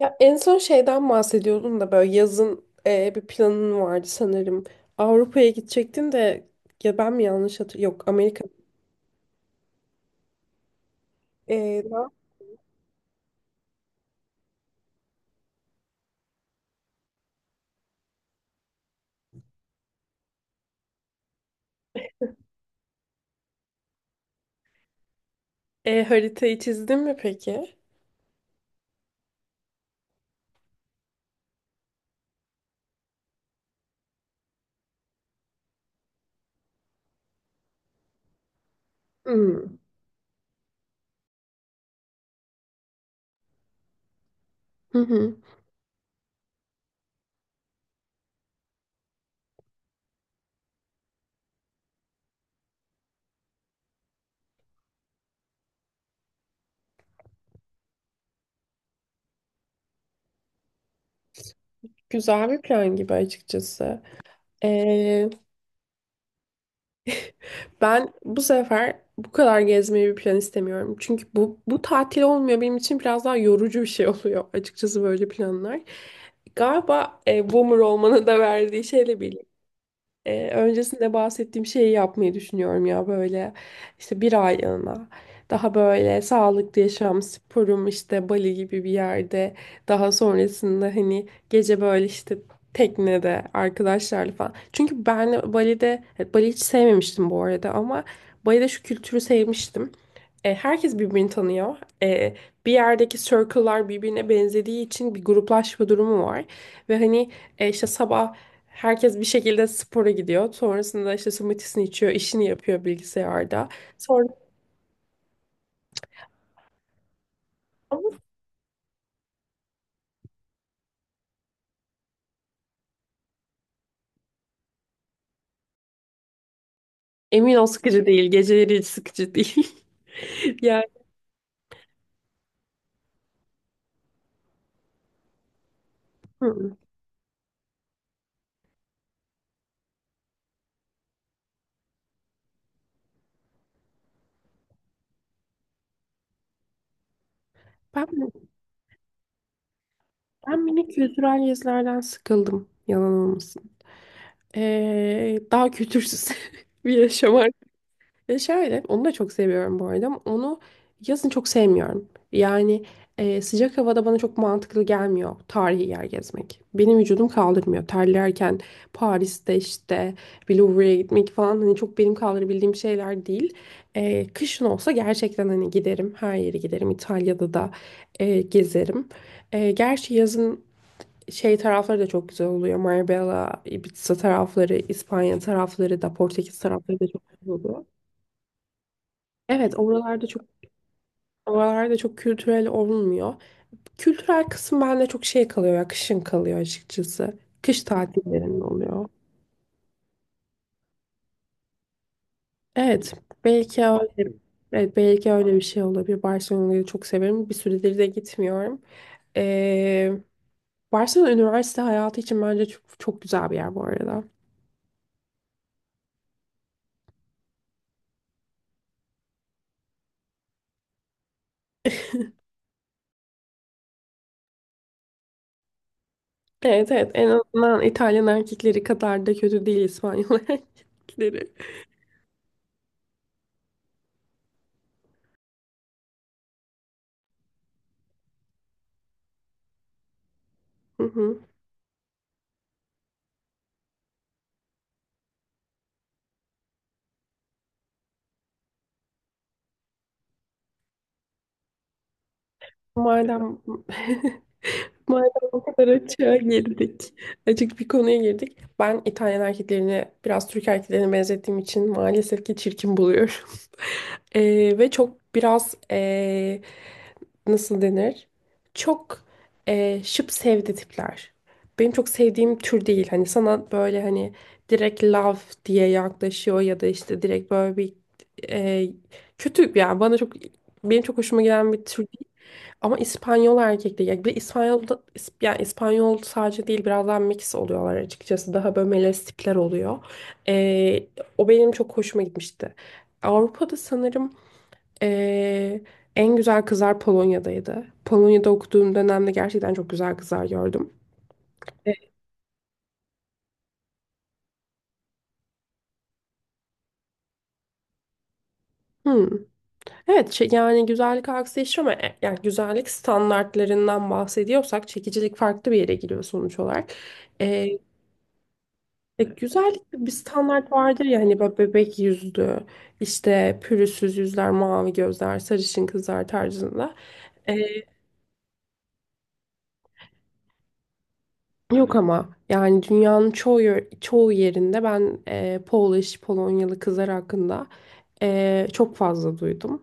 Ya en son şeyden bahsediyordun da böyle yazın bir planın vardı sanırım. Avrupa'ya gidecektin de ya ben mi yanlış hatırlıyorum? Yok Amerika. E, da- Haritayı çizdin mi peki? Hmm. Hı hı. Güzel bir plan gibi açıkçası. E, Ben bu sefer bu kadar gezmeyi bir plan istemiyorum. Çünkü bu tatil olmuyor benim için biraz daha yorucu bir şey oluyor açıkçası böyle planlar. Galiba boomer olmanın da verdiği şeyle öncesinde bahsettiğim şeyi yapmayı düşünüyorum ya böyle işte bir aylığına daha böyle sağlıklı yaşam sporum işte Bali gibi bir yerde daha sonrasında hani gece böyle işte teknede arkadaşlarla falan. Çünkü ben Bali hiç sevmemiştim bu arada ama Bali'de şu kültürü sevmiştim. Herkes birbirini tanıyor. E, Bir yerdeki circle'lar birbirine benzediği için bir gruplaşma durumu var. Ve hani işte sabah herkes bir şekilde spora gidiyor. Sonrasında işte smoothiesini içiyor, işini yapıyor bilgisayarda. Sonra emin ol sıkıcı değil, geceleri hiç sıkıcı değil. Yani hı. ben, Ben minik kültürel gezilerden sıkıldım, yalan olmasın. Daha kültürsüz bir yaşam. E şöyle, onu da çok seviyorum bu arada. Ama onu yazın çok sevmiyorum. Yani sıcak havada bana çok mantıklı gelmiyor tarihi yer gezmek. Benim vücudum kaldırmıyor. Terlerken Paris'te işte bir Louvre'ye gitmek falan hani çok benim kaldırabildiğim şeyler değil. Kışın olsa gerçekten hani giderim. Her yere giderim. İtalya'da da gezerim. Gerçi yazın şey tarafları da çok güzel oluyor. Marbella, Ibiza tarafları, İspanya tarafları da, Portekiz tarafları da çok güzel oluyor. Evet, oralarda çok oralarda çok kültürel olmuyor. Kültürel kısım bende çok şey kalıyor ya, kışın kalıyor açıkçası. Kış tatillerinde oluyor. Evet, belki öyle, evet, belki öyle bir şey olabilir. Barcelona'yı çok severim. Bir süredir de gitmiyorum. Ee, Barcelona üniversite hayatı için bence çok, çok güzel bir yer bu arada. Evet evet en azından İtalyan erkekleri kadar da kötü değil İspanyol erkekleri. Hı hı. Madem Madem o kadar açığa girdik, açık bir konuya girdik. Ben İtalyan erkeklerini biraz Türk erkeklerine benzettiğim için maalesef ki çirkin buluyorum. Ve çok biraz nasıl denir? Çok şıp sevdi tipler. Benim çok sevdiğim tür değil. Hani sana böyle hani direkt love diye yaklaşıyor ya da işte direkt böyle bir ee, kötü yani bana çok benim çok hoşuma gelen bir tür değil. Ama İspanyol erkek Yani bir yani İspanyol sadece değil biraz daha mix oluyorlar açıkçası. Daha böyle melez tipler oluyor. Ee, O benim çok hoşuma gitmişti. Avrupa'da sanırım ee, en güzel kızlar Polonya'daydı. Polonya'da okuduğum dönemde gerçekten çok güzel kızlar gördüm. E, Hmm. Evet şey- yani güzellik algısı değişiyor ama yani güzellik standartlarından bahsediyorsak çekicilik farklı bir yere gidiyor sonuç olarak. Ya güzellik bir standart vardır ya hani böyle bebek yüzlü, işte pürüzsüz yüzler, mavi gözler, sarışın kızlar tarzında. Ee, Yok ama yani dünyanın çoğu yer- çoğu yerinde ben Polonyalı kızlar hakkında çok fazla duydum.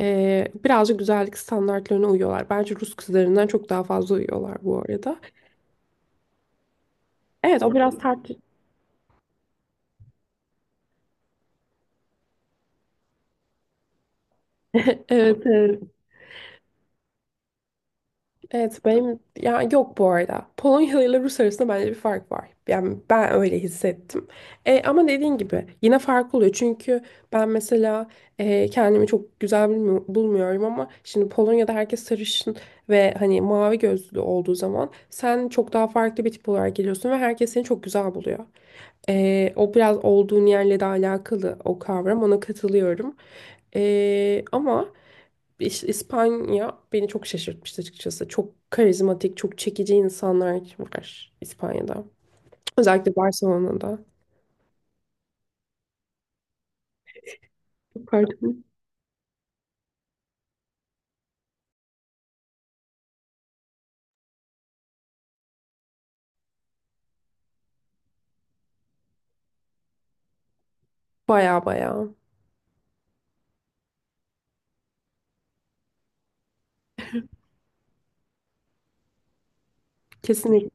Birazcık güzellik standartlarına uyuyorlar. Bence Rus kızlarından çok daha fazla uyuyorlar bu arada. Evet o biraz tart. Evet, evet. Evet benim ya yok bu arada. Polonyalı ile Rus arasında bence bir fark var. Yani ben öyle hissettim. Ama dediğin gibi yine fark oluyor. Çünkü ben mesela kendimi çok güzel bilmi- bulmuyorum ama şimdi Polonya'da herkes sarışın ve hani mavi gözlü olduğu zaman sen çok daha farklı bir tip olarak geliyorsun ve herkes seni çok güzel buluyor. O biraz olduğun yerle de alakalı o kavram. Ona katılıyorum. E, ama İspanya beni çok şaşırtmıştı açıkçası. Çok karizmatik, çok çekici insanlar var İspanya'da. Özellikle Barcelona'da. Pardon. Baya baya. Kesinlikle.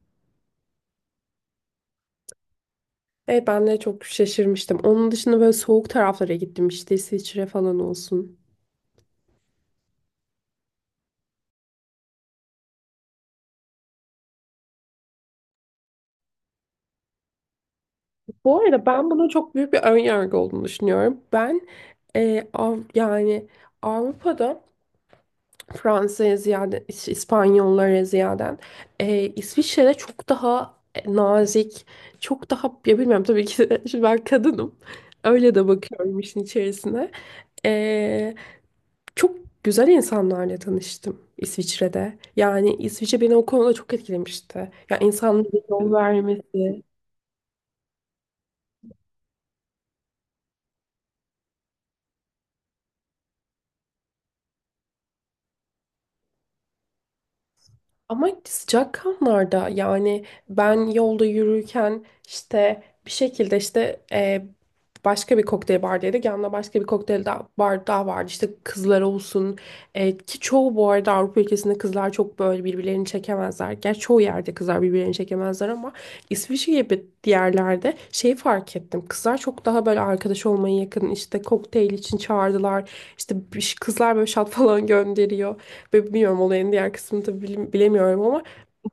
Evet ben de çok şaşırmıştım. Onun dışında böyle soğuk taraflara gittim işte İsviçre falan olsun. Bu arada ben bunun çok büyük bir ön yargı olduğunu düşünüyorum. Ben yani Avrupa'da Fransa'ya ziyade, İspanyollara ziyaden. İsviçre'de çok daha nazik, çok daha ya bilmiyorum tabii ki de, şimdi ben kadınım. Öyle de bakıyorum işin içerisine. Ee, Çok güzel insanlarla tanıştım İsviçre'de. Yani İsviçre beni o konuda çok etkilemişti. Ya insanların yol vermesi. Ama sıcak kanlarda yani ben yolda yürürken işte bir şekilde işte başka bir kokteyl bardaydık. Yanında başka bir kokteyl daha, bar daha vardı. İşte kızlar olsun ki çoğu bu arada Avrupa ülkesinde kızlar çok böyle birbirlerini çekemezler. Gerçi çoğu yerde kızlar birbirlerini çekemezler ama İsviçre gibi diğerlerde şeyi fark ettim. Kızlar çok daha böyle arkadaş olmaya yakın işte kokteyl için çağırdılar. İşte bir- kızlar böyle şat falan gönderiyor. Ve bilmiyorum olayın diğer kısmını da bilim- bilemiyorum ama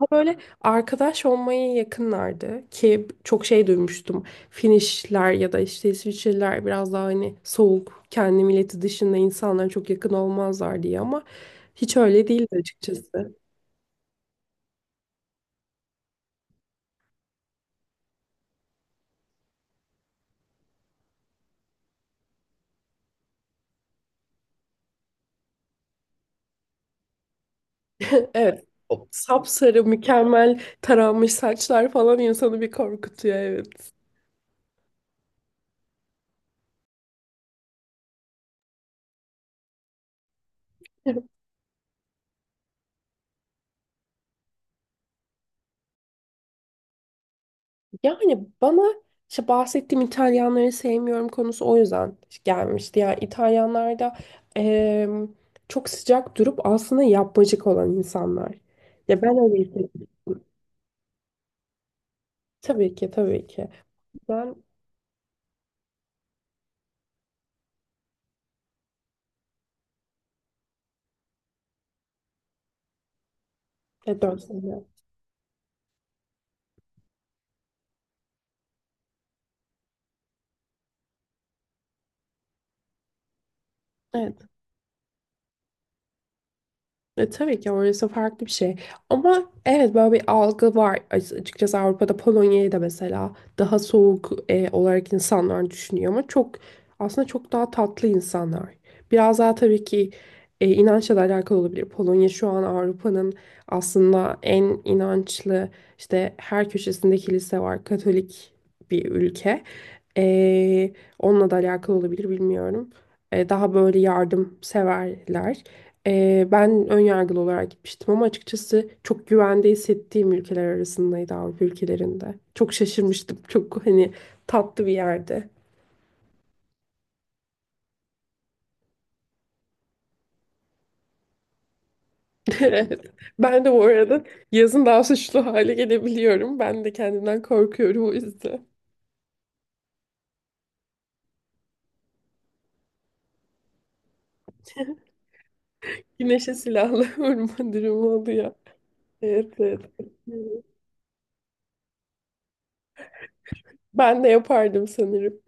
daha böyle arkadaş olmaya yakınlardı ki çok şey duymuştum. Finişler ya da işte İsviçreliler biraz daha hani soğuk, kendi milleti dışında insanlara çok yakın olmazlar diye ama hiç öyle değildi açıkçası. Evet. O sapsarı, mükemmel taranmış saçlar falan insanı bir korkutuyor evet. Yani bana işte bahsettiğim İtalyanları sevmiyorum konusu o yüzden gelmişti. Yani İtalyanlar da eee, çok sıcak durup aslında yapmacık olan insanlar. Ya ben öyle hissettim. Tabii ki tabii ki. Ben 4 sene. Evet. Tabii ki orası farklı bir şey. Ama evet böyle bir algı var. Açıkçası Avrupa'da Polonya'yı da mesela daha soğuk olarak insanlar düşünüyor ama çok aslında çok daha tatlı insanlar. Biraz daha tabii ki inançla da alakalı olabilir. Polonya şu an Avrupa'nın aslında en inançlı işte her köşesinde kilise var. Katolik bir ülke. E, Onunla da alakalı olabilir bilmiyorum. Daha böyle yardımseverler. Ben ön yargılı olarak gitmiştim ama açıkçası çok güvende hissettiğim ülkeler arasındaydı Avrupa ülkelerinde. Çok şaşırmıştım. Çok hani tatlı bir yerde. Evet. Ben de bu arada yazın daha suçlu hale gelebiliyorum. Ben de kendimden korkuyorum o yüzden. Güneşe silahla vurma durumu oluyor. Evet, evet. Ben de yapardım sanırım.